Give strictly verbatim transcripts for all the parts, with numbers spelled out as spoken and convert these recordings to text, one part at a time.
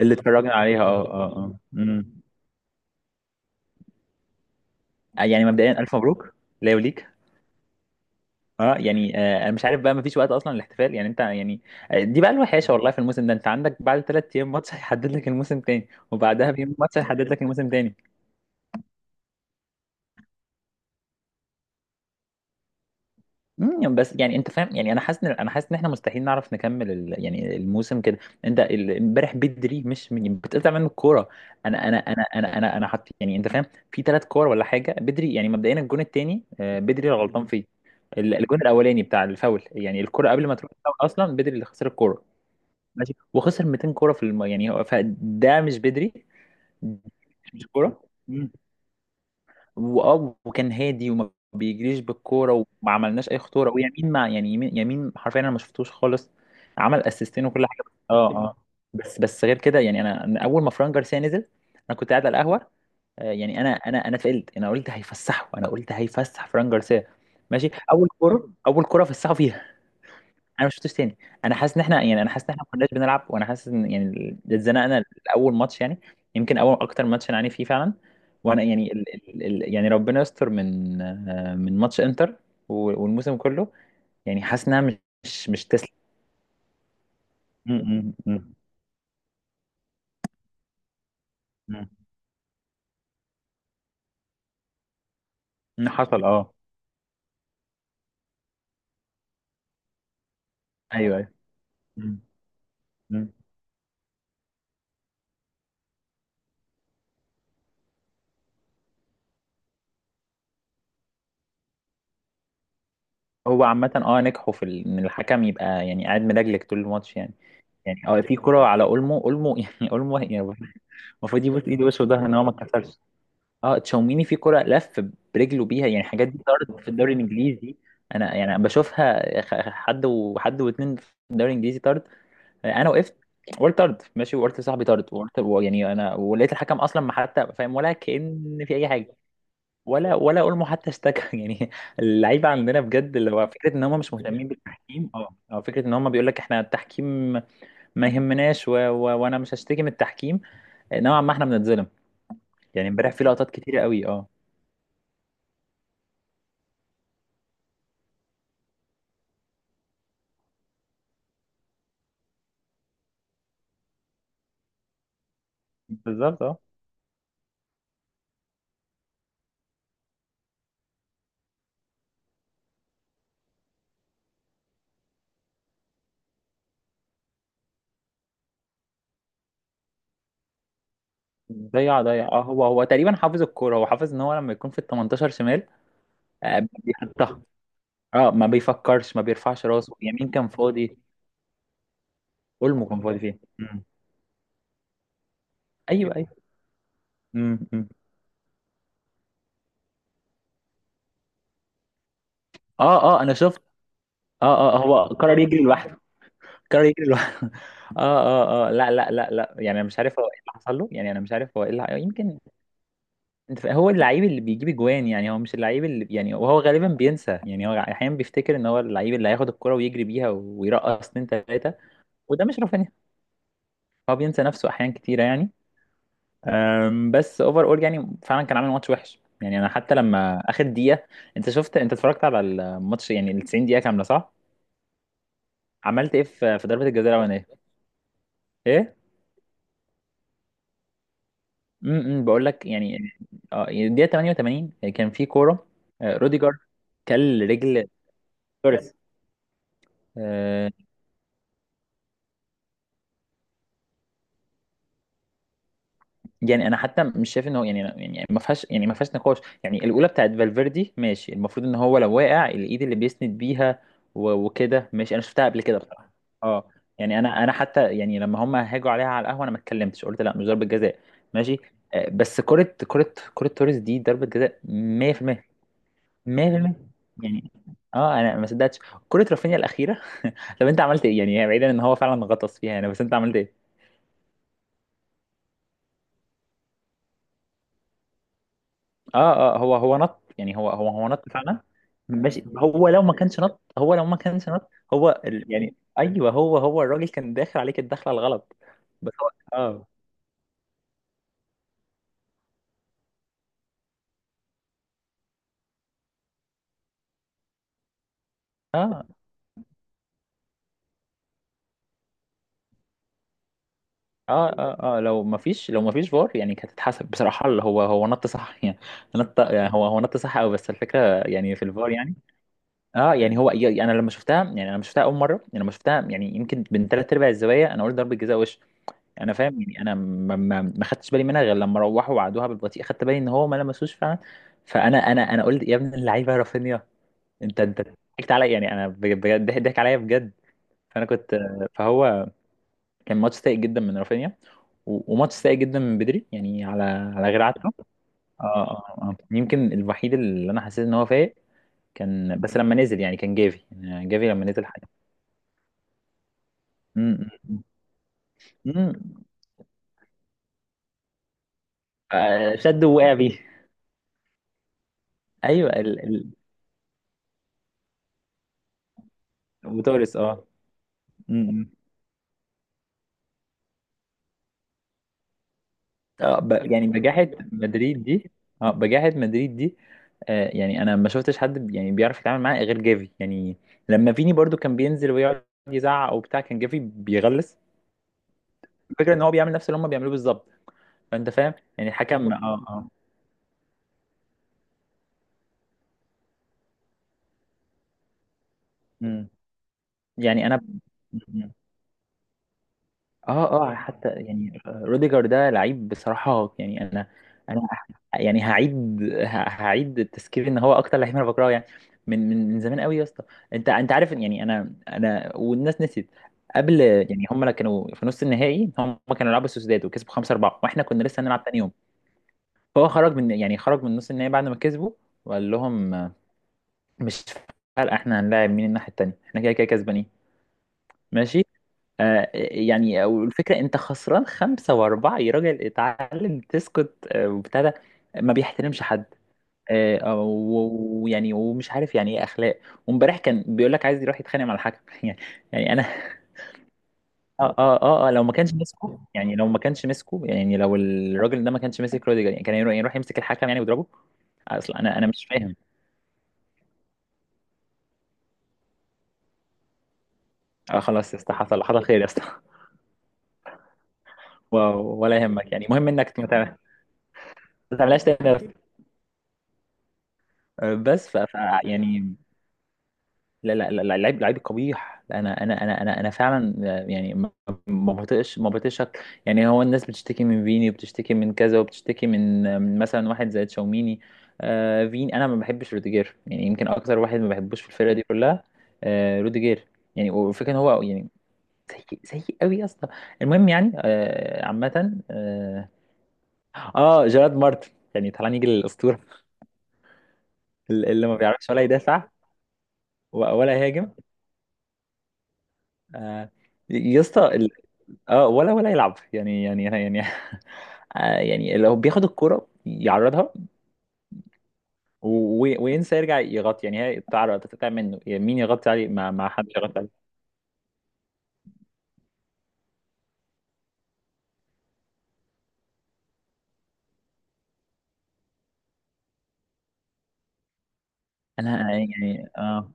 اللي اتفرجنا عليها اه اه اه امم يعني مبدئيا الف مبروك ليا وليك. اه يعني آه انا مش عارف بقى، مفيش وقت اصلا للاحتفال. يعني انت يعني... آه، دي بقى الوحشه والله في الموسم ده، انت عندك بعد ثلاث ايام ماتش هيحدد لك الموسم تاني، وبعدها بيوم ماتش هيحدد لك الموسم تاني. امم بس يعني انت فاهم، يعني انا حاسس ان انا حاسس ان احنا مستحيل نعرف نكمل ال... يعني الموسم كده. انت ال- امبارح بدري مش من... بتقطع منه الكوره. انا انا انا انا انا انا حط، يعني انت فاهم، في ثلاث كور ولا حاجه بدري. يعني مبدئيا الجون الثاني بدري اللي غلطان فيه. ال- الجون الاولاني بتاع الفاول، يعني الكوره قبل ما تروح الفاول اصلا بدري اللي خسر الكوره. ماشي. وخسر ميتين كوره في الم... يعني هو فده مش بدري. مش كوره. واه وكان هادي وما بيجريش بالكوره وما عملناش اي خطوره. ويمين، مع يعني يمين يمين حرفيا انا ما شفتوش خالص. عمل اسيستين وكل حاجه. اه اه بس بس غير كده. يعني انا أنا اول ما فران جارسيا نزل، انا كنت قاعد على القهوه. آه، يعني انا انا انا اتفائلت. انا قلت هيفسحه، انا قلت هيفسح فران جارسيا. ماشي. اول كوره اول كوره فسحه فيها، انا ما شفتوش تاني. انا حاسس ان احنا يعني انا حاسس ان احنا ما كناش بنلعب. وانا حاسس ان يعني ال- اتزنقنا. اول ماتش يعني، يمكن اول اكتر ماتش انا عاني فيه فعلا. وانا يعني ال ال ال يعني ربنا يستر من آه، من ماتش انتر و- والموسم كله. يعني حاسس انها مش، مش مش تسلم. م- م- م- م. حصل، اه، ايوه ايوه. م- م. هو عامة اه نجحوا في ال- ان الحكم يبقى يعني قاعد ملجلج طول الماتش يعني. يعني اه في كرة على اولمو اولمو يعني اولمو يعني المفروض يبوس ايده وشه ده ان هو ما اتكسرش. اه تشاوميني في كرة، لف برجله بيها. يعني حاجات دي طرد في الدوري الانجليزي. انا يعني أنا بشوفها، خ- حد وحد واتنين، في الدوري الانجليزي طرد. انا وقفت، قلت طرد ماشي، وقلت لصاحبي طرد. وقلت يعني انا، ولقيت الحكم اصلا ما حتى فاهم، ولا كأن في اي حاجه. ولا ولا اولمو حتى اشتكى يعني اللعيبه عندنا بجد اللي هو فكره ان هم مش مهتمين بالتحكيم، اه أو فكره ان هم بيقول لك احنا التحكيم ما يهمناش. و... و... وانا مش هشتكي من التحكيم، نوعا ما احنا بنتظلم. يعني امبارح في لقطات كتيره قوي. اه، بالظبط. اه ضيع ضيع. اه هو هو تقريبا حافظ الكوره، هو حافظ ان هو لما يكون في ال تمنتاشر شمال، آه، بيحطها. اه ما بيفكرش، ما بيرفعش راسه. يمين كان فاضي، اولمو كان فاضي فين. مم. ايوه ايوه. مم. مم. اه اه انا شفت. اه اه هو قرر يجري لوحده. قرر يجري لوحده اه اه اه لا لا لا لا، يعني انا مش عارف هو ايه اللي حصل له. يعني انا مش عارف هو ايه اللي يمكن... انت فا- هو اللعيب اللي بيجيب اجوان، يعني هو مش اللعيب اللي يعني... وهو غالبا بينسى. يعني هو احيانا بيفتكر ان هو اللعيب اللي هياخد الكرة ويجري بيها ويرقص اتنين تلاته. وده مش رافينيا، هو بينسى نفسه احيان كتيره يعني. أم، بس اوفر اول يعني فعلا كان عامل ماتش وحش. يعني انا حتى لما اخد دقيقه... انت شفت، انت اتفرجت على الماتش يعني ال تسعين دقيقه كامله صح؟ عملت ايه في في ضربه الجزاء الاولانيه؟ ايه. امم بقول لك يعني، اه يعني الدقيقه تمنية وتمانين كان في كوره، آه، روديجر كل رجل توريس. يعني انا حتى مش شايف ان هو يعني يعني ما فيهاش يعني ما فيهاش نقاش. يعني الاولى بتاعت فالفيردي ماشي، المفروض ان هو لو واقع الايد اللي بيسند بيها و- وكده ماشي. انا شفتها قبل كده بصراحه. اه يعني انا انا حتى يعني لما هم هاجوا عليها على القهوه، انا ما اتكلمتش. قلت لا، مش ضربه جزاء، ماشي. آه، بس كره كره كره توريس دي ضربه جزاء ميه في الميه. ميه في الميه. يعني، اه انا ما صدقتش كره رافينيا الاخيره. طب انت عملت ايه يعني؟ يعني بعيدا ان هو فعلا غطس فيها يعني، بس انت عملت إيه؟ اه اه هو هو نط، يعني هو هو هو نط فعلا. ماشي، هو لو ما كانش نط هو لو ما كانش نط هو ال... يعني. ايوه هو هو الراجل كان داخل عليك الدخله الغلط. بس هو اه اه اه اه اه لو ما فيش لو ما فيش فار يعني كانت هتتحسب بصراحه. اللي هو هو نط صح، يعني نط، يعني هو هو نط صح قوي. بس الفكره يعني في الفار يعني. اه يعني هو يعني، انا لما شفتها، يعني انا لما شفتها اول مره، يعني لما شفتها يعني يمكن من ثلاث ارباع الزوايا، انا قلت ضربه جزاء وش. انا فاهم. يعني انا ما ما ما خدتش بالي منها غير لما روحوا وعدوها بالبطيء، خدت بالي ان هو ما لمسوش فعلا. فانا انا انا قلت يا ابن اللعيبه رافينيا. انت انت ضحكت عليا. يعني انا بجد بجد- ضحك ضحك عليا بجد. فانا كنت... فهو كان ماتش سيء جدا من رافينيا، و- وماتش سيء جدا من بدري يعني على على غير عادته. اه اه اه آه. يمكن الوحيد اللي انا حسيت ان هو فايق كان بس لما نزل. يعني كان جافي، يعني جافي لما نزل حاجه. امم امم آه، شد ووقع بيه. ايوه ال... ال... وتوريس. اه م- م. آه، ب... يعني بجاحة مدريد دي، اه بجاحة مدريد دي. آه يعني انا ما شفتش حد ب- يعني بيعرف يتعامل معاه غير جافي يعني. لما فيني برضو كان بينزل ويقعد يزعق او بتاع، كان جافي بيغلس. الفكرة ان هو بيعمل نفس اللي هم بيعملوه بالظبط. فانت فاهم يعني الحكم. اه اه مم. يعني انا اه اه حتى يعني، آه، روديجر ده لعيب بصراحة، يعني انا. انا يعني هعيد، ه- هعيد التذكير ان هو اكتر لعيب انا بكرهه، يعني من من من زمان قوي يا اسطى. انت انت عارف إن، يعني انا انا والناس نسيت. قبل يعني، هم كانوا في نص النهائي، هم كانوا يلعبوا سوسداد وكسبوا خمسة اربعة، واحنا كنا لسه هنلعب تاني يوم. فهو خرج، من يعني، خرج من نص النهائي بعد ما كسبوا وقال لهم، آه، مش فارقة احنا هنلاعب مين الناحية التانية، احنا كده كده كسبانين ماشي. آه، يعني والفكرة انت خسران خمسة واربعة يا راجل، اتعلم تسكت. آه، وابتدى ما بيحترمش حد. آه، آه، و- ويعني ومش عارف يعني ايه اخلاق. وامبارح كان بيقول لك عايز يروح يتخانق مع الحكم يعني، يعني انا اه اه اه آه، لو ما كانش مسكه يعني لو ما كانش مسكه يعني لو الراجل ده ما كانش ماسك روديجر، يعني كان يروح، يروح يمسك الحكم يعني ويضربه. اصلا انا انا مش فاهم. اه خلاص يا اسطى حصل حصل خير يا اسطى و- ولا يهمك، يعني المهم انك ما تعمل- ما تعملهاش تاني يا اسطى. آه، بس ف ف- يعني لا لا لا لعيب لعيب قبيح. انا انا انا انا انا فعلا... يعني ما ما بطيقش، ما بطيقش أك- يعني هو الناس بتشتكي من فيني، وبتشتكي من كذا، وبتشتكي من من مثلا واحد زي تشاوميني. آه فين انا ما بحبش روديجير، يعني يمكن اكتر واحد ما بحبوش في الفرقه دي كلها. آه روديجير، يعني وفكرة ان هو يعني سيء سيء قوي يا اسطى. المهم يعني آه عامه اه, آه جيرارد مارتن. يعني تعالى نيجي للاسطوره، اللي ما بيعرفش ولا يدافع ولا يهاجم، آه يا اسطى، اه ولا ولا يلعب يعني يعني يعني. آه، يعني لو بياخد الكرة يعرضها و- وينسى يرجع يغطي. يعني هي تعرض تتقطع منه، يعني مين يغطي عليه؟ ما ما حدش يغطي عليه. انا يعني اه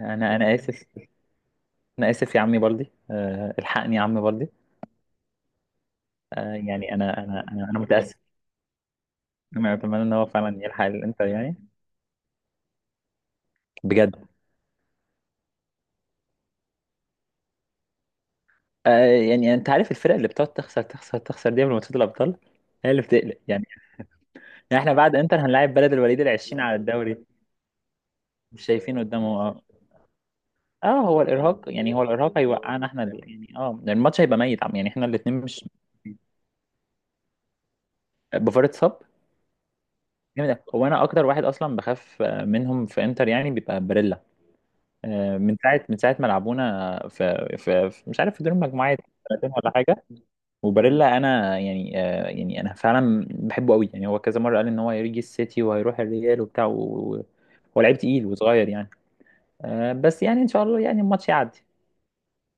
انا انا اسف، انا اسف يا عمي بلدي، آه الحقني يا عم بلدي. آه يعني انا انا انا انا متأسف. انا اتمنى ان هو فعلا يلحق، انت يعني، بجد. آه يعني انت عارف، الفرق اللي بتقعد تخسر تخسر تخسر دي من ماتشات الابطال هي اللي بتقلق. يعني يعني احنا بعد انتر هنلاعب بلد الوليد العشرين على الدوري. مش شايفين قدامه آه. اه هو الارهاق يعني هو الارهاق هيوقعنا احنا. ال- يعني اه يعني الماتش هيبقى ميت عم يعني، احنا الاثنين مش... بوفار اتصاب جامد أوي. هو انا اكتر واحد اصلا بخاف آه، منهم في انتر يعني بيبقى باريلا. آه، من ساعه من ساعه ما لعبونا في, في, في مش عارف في دور المجموعات، سنتين ولا حاجه. وباريلا، انا يعني آه، يعني انا فعلا بحبه قوي. يعني هو كذا مره قال ان هو هيجي السيتي وهيروح الريال وبتاع، و- و- هو لعيب تقيل وصغير يعني. آه، بس يعني ان شاء الله يعني الماتش يعدي.